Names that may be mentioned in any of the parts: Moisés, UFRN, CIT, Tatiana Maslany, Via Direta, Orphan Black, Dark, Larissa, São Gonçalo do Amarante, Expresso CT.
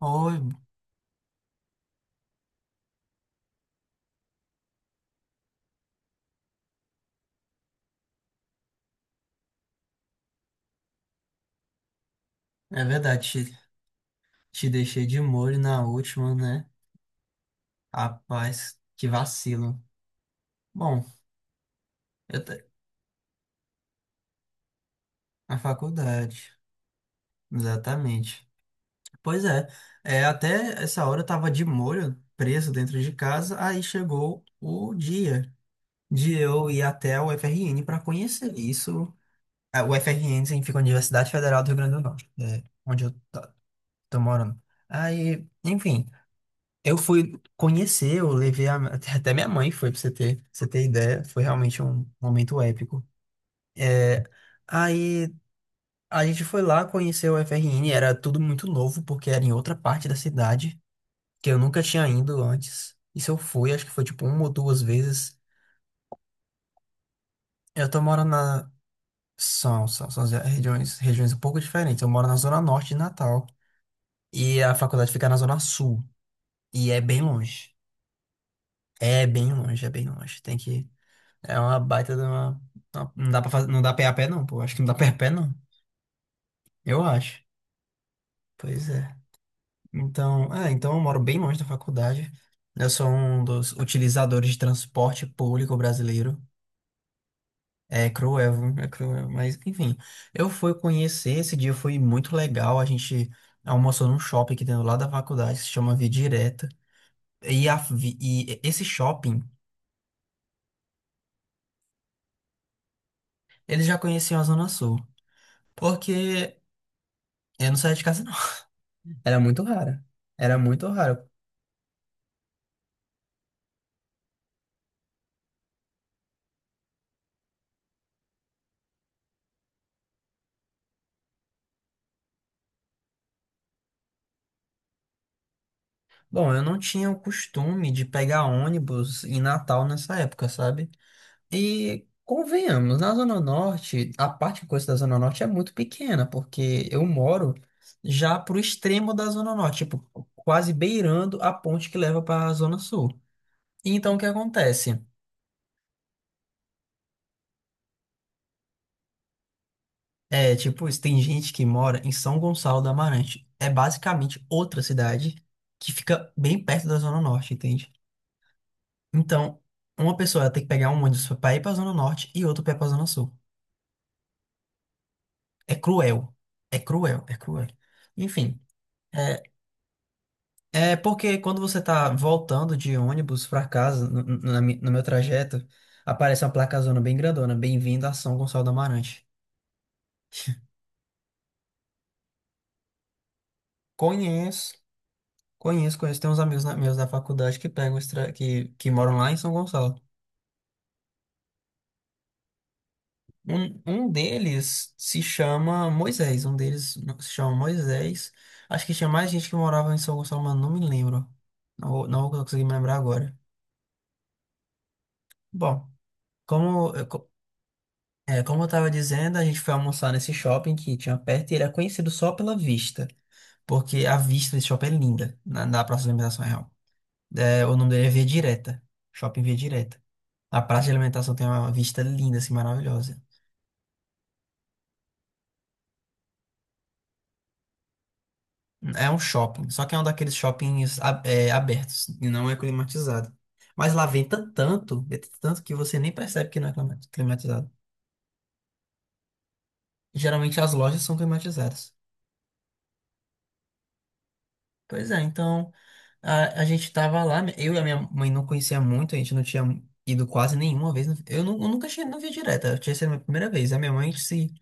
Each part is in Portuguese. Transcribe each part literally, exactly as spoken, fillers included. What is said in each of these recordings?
Oi, é verdade, te, te deixei de molho na última, né? Rapaz, que vacilo. Bom, eu te- na faculdade, exatamente. Pois é, é, até essa hora eu tava de molho, preso dentro de casa, aí chegou o dia de eu ir até o U F R N para conhecer isso. Ah, o U F R N significa Universidade Federal do Rio Grande do Norte, é, onde eu tô, tô morando. Aí, enfim. Eu fui conhecer, eu levei a- até até minha mãe foi, pra você ter, pra você ter ideia. Foi realmente um momento épico. É, aí a gente foi lá conhecer o F R N, era tudo muito novo, porque era em outra parte da cidade, que eu nunca tinha ido antes. E se eu fui, acho que foi tipo uma ou duas vezes. Eu tô morando na. São, são, são as regiões, regiões um pouco diferentes. Eu moro na Zona Norte de Natal, e a faculdade fica na Zona Sul, e é bem longe. É bem longe, é bem longe. Tem que. É uma baita de uma. Não não dá pra fazer, não dá pé a pé, não, pô. Acho que não dá pé a pé, não. Eu acho. Pois é. Então, é, então eu moro bem longe da faculdade. Eu sou um dos utilizadores de transporte público brasileiro. É cruel, viu? É cruel, mas enfim. Eu fui conhecer, esse dia foi muito legal. A gente almoçou num shopping que tem do lado da faculdade, que se chama Via Direta. E, a vi- e esse shopping, eles já conheciam a Zona Sul. Porque eu não saía de casa, não. Era muito raro. Era muito raro. Bom, eu não tinha o costume de pegar ônibus em Natal nessa época, sabe? E convenhamos, na Zona Norte, a parte que eu conheço da Zona Norte é muito pequena, porque eu moro já pro extremo da Zona Norte, tipo, quase beirando a ponte que leva para a Zona Sul. E então, o que acontece? É, tipo, isso, tem gente que mora em São Gonçalo do Amarante. É basicamente outra cidade que fica bem perto da Zona Norte, entende? Então, uma pessoa ela tem que pegar um ônibus pra ir pra Zona Norte e outro pra ir pra Zona Sul. É cruel. É cruel, é cruel. Enfim, é, é porque quando você tá voltando de ônibus pra casa, no, no- na mi- no meu trajeto, aparece uma placazona bem grandona. Bem-vindo a São Gonçalo do Amarante. Conheço, conheço, conheço. Tem uns amigos na- meus da faculdade que pegam esse tra- que, que moram lá em São Gonçalo. Um, um deles se chama Moisés, um deles se chama Moisés. Acho que tinha mais gente que morava em São Gonçalo, mas não me lembro. Não, vou- não vou conseguir me lembrar agora. Bom, como, eu co- é, como eu estava dizendo, a gente foi almoçar nesse shopping que tinha perto e ele é conhecido só pela vista, porque a vista desse shopping é linda na, na praça de alimentação real. É, o nome dele é Via Direta, Shopping Via Direta. A praça de alimentação tem uma vista linda, assim, maravilhosa. É um shopping, só que é um daqueles shoppings a- é, abertos e não é climatizado. Mas lá venta tanto, venta tanto que você nem percebe que não é clima- climatizado. Geralmente as lojas são climatizadas. Pois é, então a, a gente tava lá, eu e a minha mãe não conhecia muito, a gente não tinha ido quase nenhuma vez. Eu, nu- eu nunca tinha, não via direta, eu tinha sido a minha primeira vez. A minha mãe se,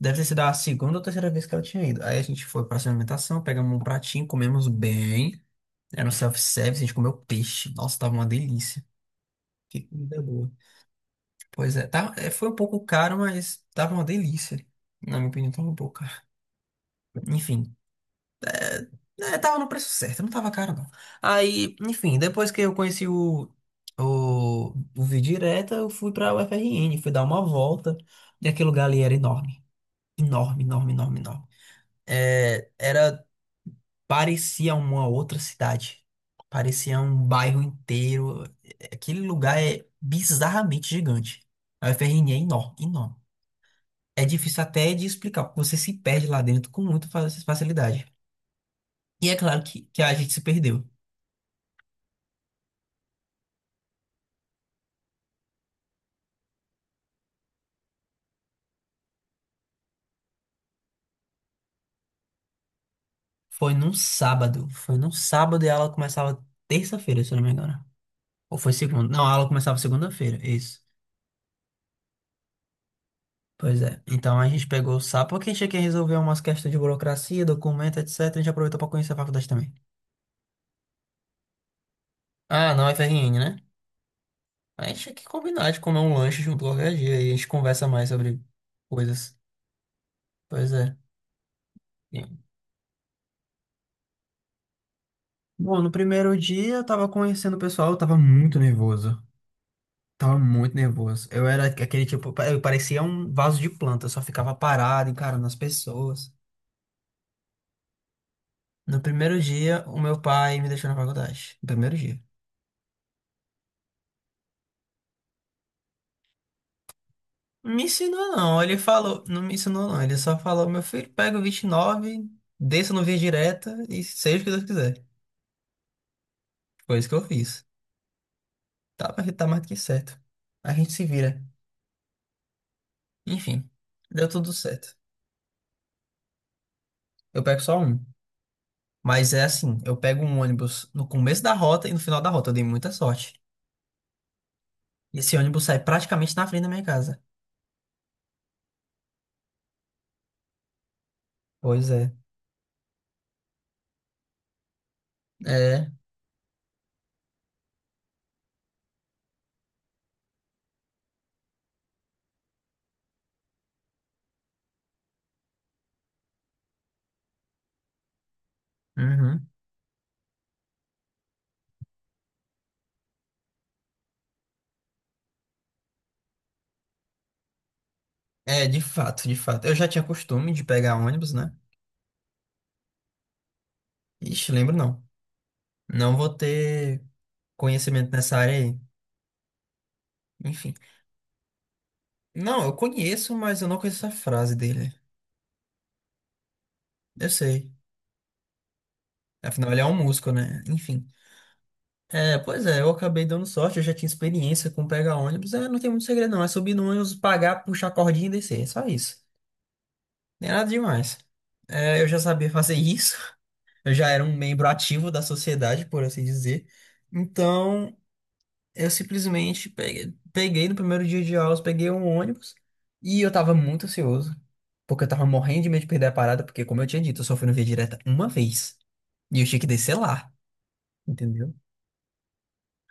deve ter sido a segunda ou terceira vez que ela tinha ido. Aí a gente foi pra alimentação, pegamos um pratinho, comemos bem. Era um self-service, a gente comeu peixe. Nossa, tava uma delícia. Que comida boa. Pois é, tá, é, foi um pouco caro, mas tava uma delícia. Na minha opinião, tava um pouco caro. Enfim, é, tava no preço certo, não tava caro não. Aí, enfim, depois que eu conheci o, o, o Via Direta, eu fui pra U F R N, fui dar uma volta. E aquele lugar ali era enorme. Enorme, enorme, enorme, enorme. É, era, parecia uma outra cidade. Parecia um bairro inteiro. é, Aquele lugar é bizarramente gigante. A U F R N é enorme, enorme. É difícil até de explicar, porque você se perde lá dentro com muita fa- facilidade. E é claro que, que a gente se perdeu. Foi num sábado. Foi num sábado e a aula começava terça-feira, se eu não me engano. Ou foi segunda? Não, a aula começava segunda-feira, isso. Pois é. Então a gente pegou o sábado, porque a gente quer resolver umas questões de burocracia, documento, etcétera. A gente aproveitou pra conhecer a faculdade também. Ah, não, F R N, né? A gente tinha que combinar de comer um lanche junto qualquer dia e a gente conversa mais sobre coisas. Pois é. Bom, no primeiro dia eu tava conhecendo o pessoal, eu tava muito nervoso. Tava muito nervoso. Eu era aquele tipo, eu parecia um vaso de planta, eu só ficava parado, encarando as pessoas. No primeiro dia, o meu pai me deixou na faculdade. No primeiro dia. Me ensinou não, ele falou, não me ensinou não, ele só falou, meu filho, pega o vinte e nove, desça no Via Direta e seja o que Deus quiser. Foi isso que eu fiz. Tá, mas tá mais do que certo. A gente se vira. Enfim, deu tudo certo. Eu pego só um. Mas é assim, eu pego um ônibus no começo da rota e no final da rota. Eu dei muita sorte. E esse ônibus sai praticamente na frente da minha casa. Pois é. É. Uhum. É, de fato, de fato. Eu já tinha costume de pegar ônibus, né? Ixi, lembro não. Não vou ter conhecimento nessa área aí. Enfim. Não, eu conheço, mas eu não conheço essa frase dele. Eu sei. Afinal, ele é um músico, né? Enfim. É, pois é, eu acabei dando sorte, eu já tinha experiência com pegar ônibus. É, não tem muito segredo, não. É subir no ônibus, pagar, puxar a cordinha e descer. É só isso. Nem nada demais. É, eu já sabia fazer isso, eu já era um membro ativo da sociedade, por assim dizer. Então, eu simplesmente peguei, peguei no primeiro dia de aulas, peguei um ônibus e eu tava muito ansioso, porque eu tava morrendo de medo de perder a parada, porque, como eu tinha dito, eu só fui no Via Direta uma vez e eu tinha que descer lá, entendeu?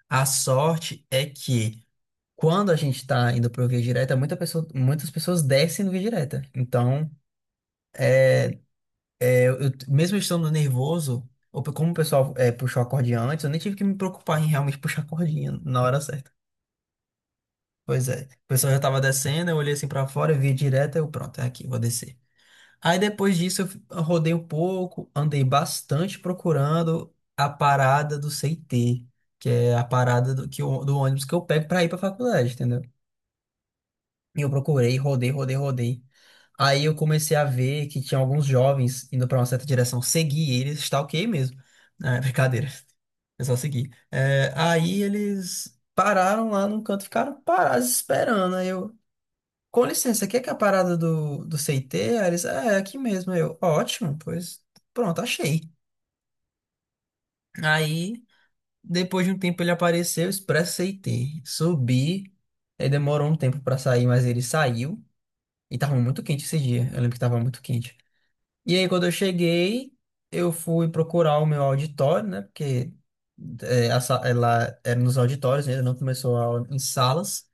A sorte é que quando a gente tá indo pro Via Direta, muita pessoa, muitas pessoas descem no Via Direta. Então. Eu, eu- mesmo estando nervoso, ou pe- como o pessoal é, puxou a cordinha antes, eu nem tive que me preocupar em realmente puxar a cordinha na hora certa. Pois é. O pessoal já tava descendo, eu olhei assim pra fora, vi direto, eu pronto, é aqui, vou descer. Aí depois disso eu fi- eu rodei um pouco, andei bastante procurando a parada do C T, que é a parada do, que, eu- do ônibus que eu pego pra ir pra faculdade, entendeu? E eu procurei, rodei, rodei, rodei. Aí eu comecei a ver que tinha alguns jovens indo pra uma certa direção. Segui eles, stalkeei mesmo. Ah, brincadeira. É só seguir. É, aí eles pararam lá num canto, ficaram parados esperando. Aí eu, com licença, aqui é que é a parada do, do C T? Aí eles, é, é aqui mesmo. Aí eu, ótimo, pois pronto, achei. Aí, depois de um tempo, ele apareceu, Expresso C T. Subi, aí demorou um tempo pra sair, mas ele saiu. E tava muito quente esse dia. Eu lembro que tava muito quente. E aí, quando eu cheguei, eu fui procurar o meu auditório, né? Porque é, a sa- ela era nos auditórios, ainda não começou a aula em salas.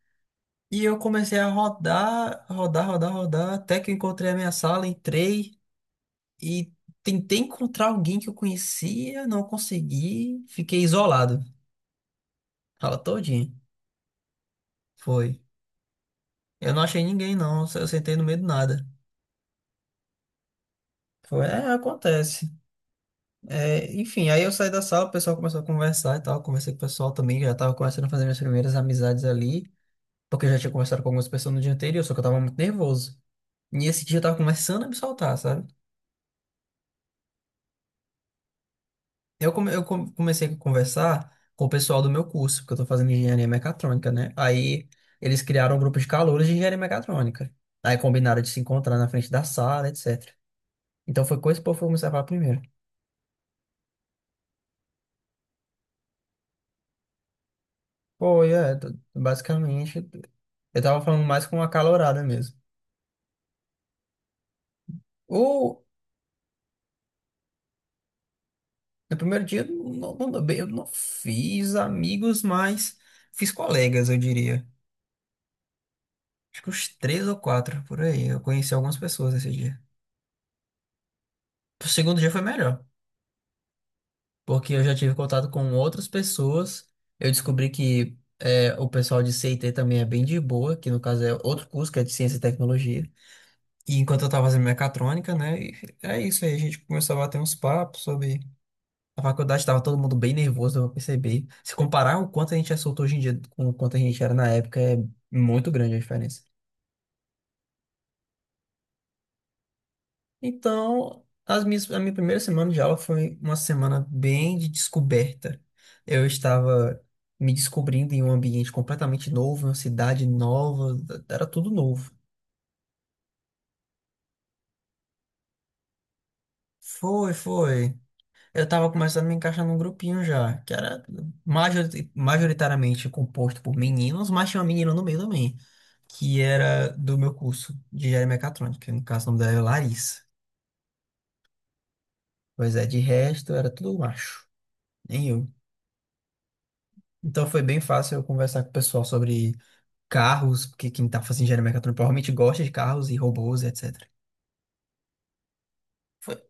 E eu comecei a rodar, rodar, rodar, rodar, até que eu encontrei a minha sala, entrei e tentei encontrar alguém que eu conhecia, não consegui, fiquei isolado. Fala todinha. Foi. Eu não achei ninguém, não. Eu sentei no meio do nada. Foi, é, acontece. É, enfim, aí eu saí da sala, o pessoal começou a conversar e tal. Conversei com o pessoal também, já tava começando a fazer minhas primeiras amizades ali, porque eu já tinha conversado com algumas pessoas no dia anterior, só que eu tava muito nervoso. E esse dia eu tava começando a me soltar, sabe? Eu, come- eu come- comecei a conversar com o pessoal do meu curso, porque eu tô fazendo engenharia mecatrônica, né? Aí eles criaram um grupo de calouros de engenharia mecatrônica. Aí combinaram de se encontrar na frente da sala, etcétera. Então foi com esse povo que eu comecei a falar primeiro. Pô, é, basicamente, eu tava falando mais com uma calorada mesmo. Ou no primeiro dia eu não, não- bem, eu não fiz amigos, mas fiz colegas, eu diria. Acho que uns três ou quatro por aí. Eu conheci algumas pessoas nesse dia. O segundo dia foi melhor, porque eu já tive contato com outras pessoas. Eu descobri que é, o pessoal de C I T também é bem de boa, que no caso é outro curso que é de Ciência e Tecnologia. E enquanto eu tava fazendo mecatrônica, né? E é isso aí, a gente começou a bater uns papos sobre a faculdade, estava todo mundo bem nervoso, eu percebi. Se comparar o quanto a gente é solto hoje em dia com o quanto a gente era na época, é muito grande a diferença. Então, as minhas, a minha primeira semana de aula foi uma semana bem de descoberta. Eu estava me descobrindo em um ambiente completamente novo, em uma cidade nova, era tudo novo. Foi, foi. Eu tava começando a me encaixar num grupinho já, que era majori- majoritariamente composto por meninos, mas tinha uma menina no meio também, que era do meu curso de engenharia mecatrônica, que no caso o nome dela era Larissa. Pois é, de resto era tudo macho, nem eu. Então foi bem fácil eu conversar com o pessoal sobre carros, porque quem tá fazendo engenharia mecatrônica provavelmente gosta de carros e robôs, etcétera. Foi,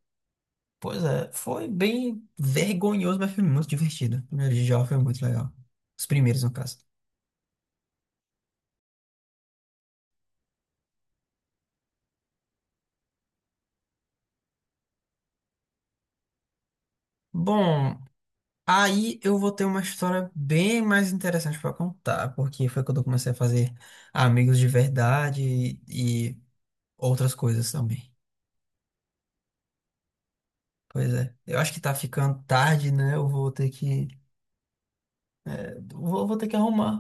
pois é, foi bem vergonhoso, mas foi muito divertido. O primeiro dia de aula foi muito legal. Os primeiros, no caso. Bom, aí eu vou ter uma história bem mais interessante para contar, porque foi quando eu comecei a fazer amigos de verdade e, e outras coisas também. Pois é, eu acho que tá ficando tarde, né? Eu vou ter que vou, vou ter que arrumar.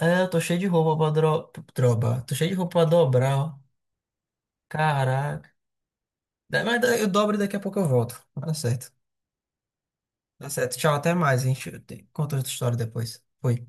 É, eu tô cheio de roupa pra dro... droba. Tô cheio de roupa pra dobrar, ó. Caraca. Da- Mas da- eu dobro e daqui a pouco eu volto. Tá certo. Tá certo. Tchau, até mais. A gente conta outra história depois. Foi.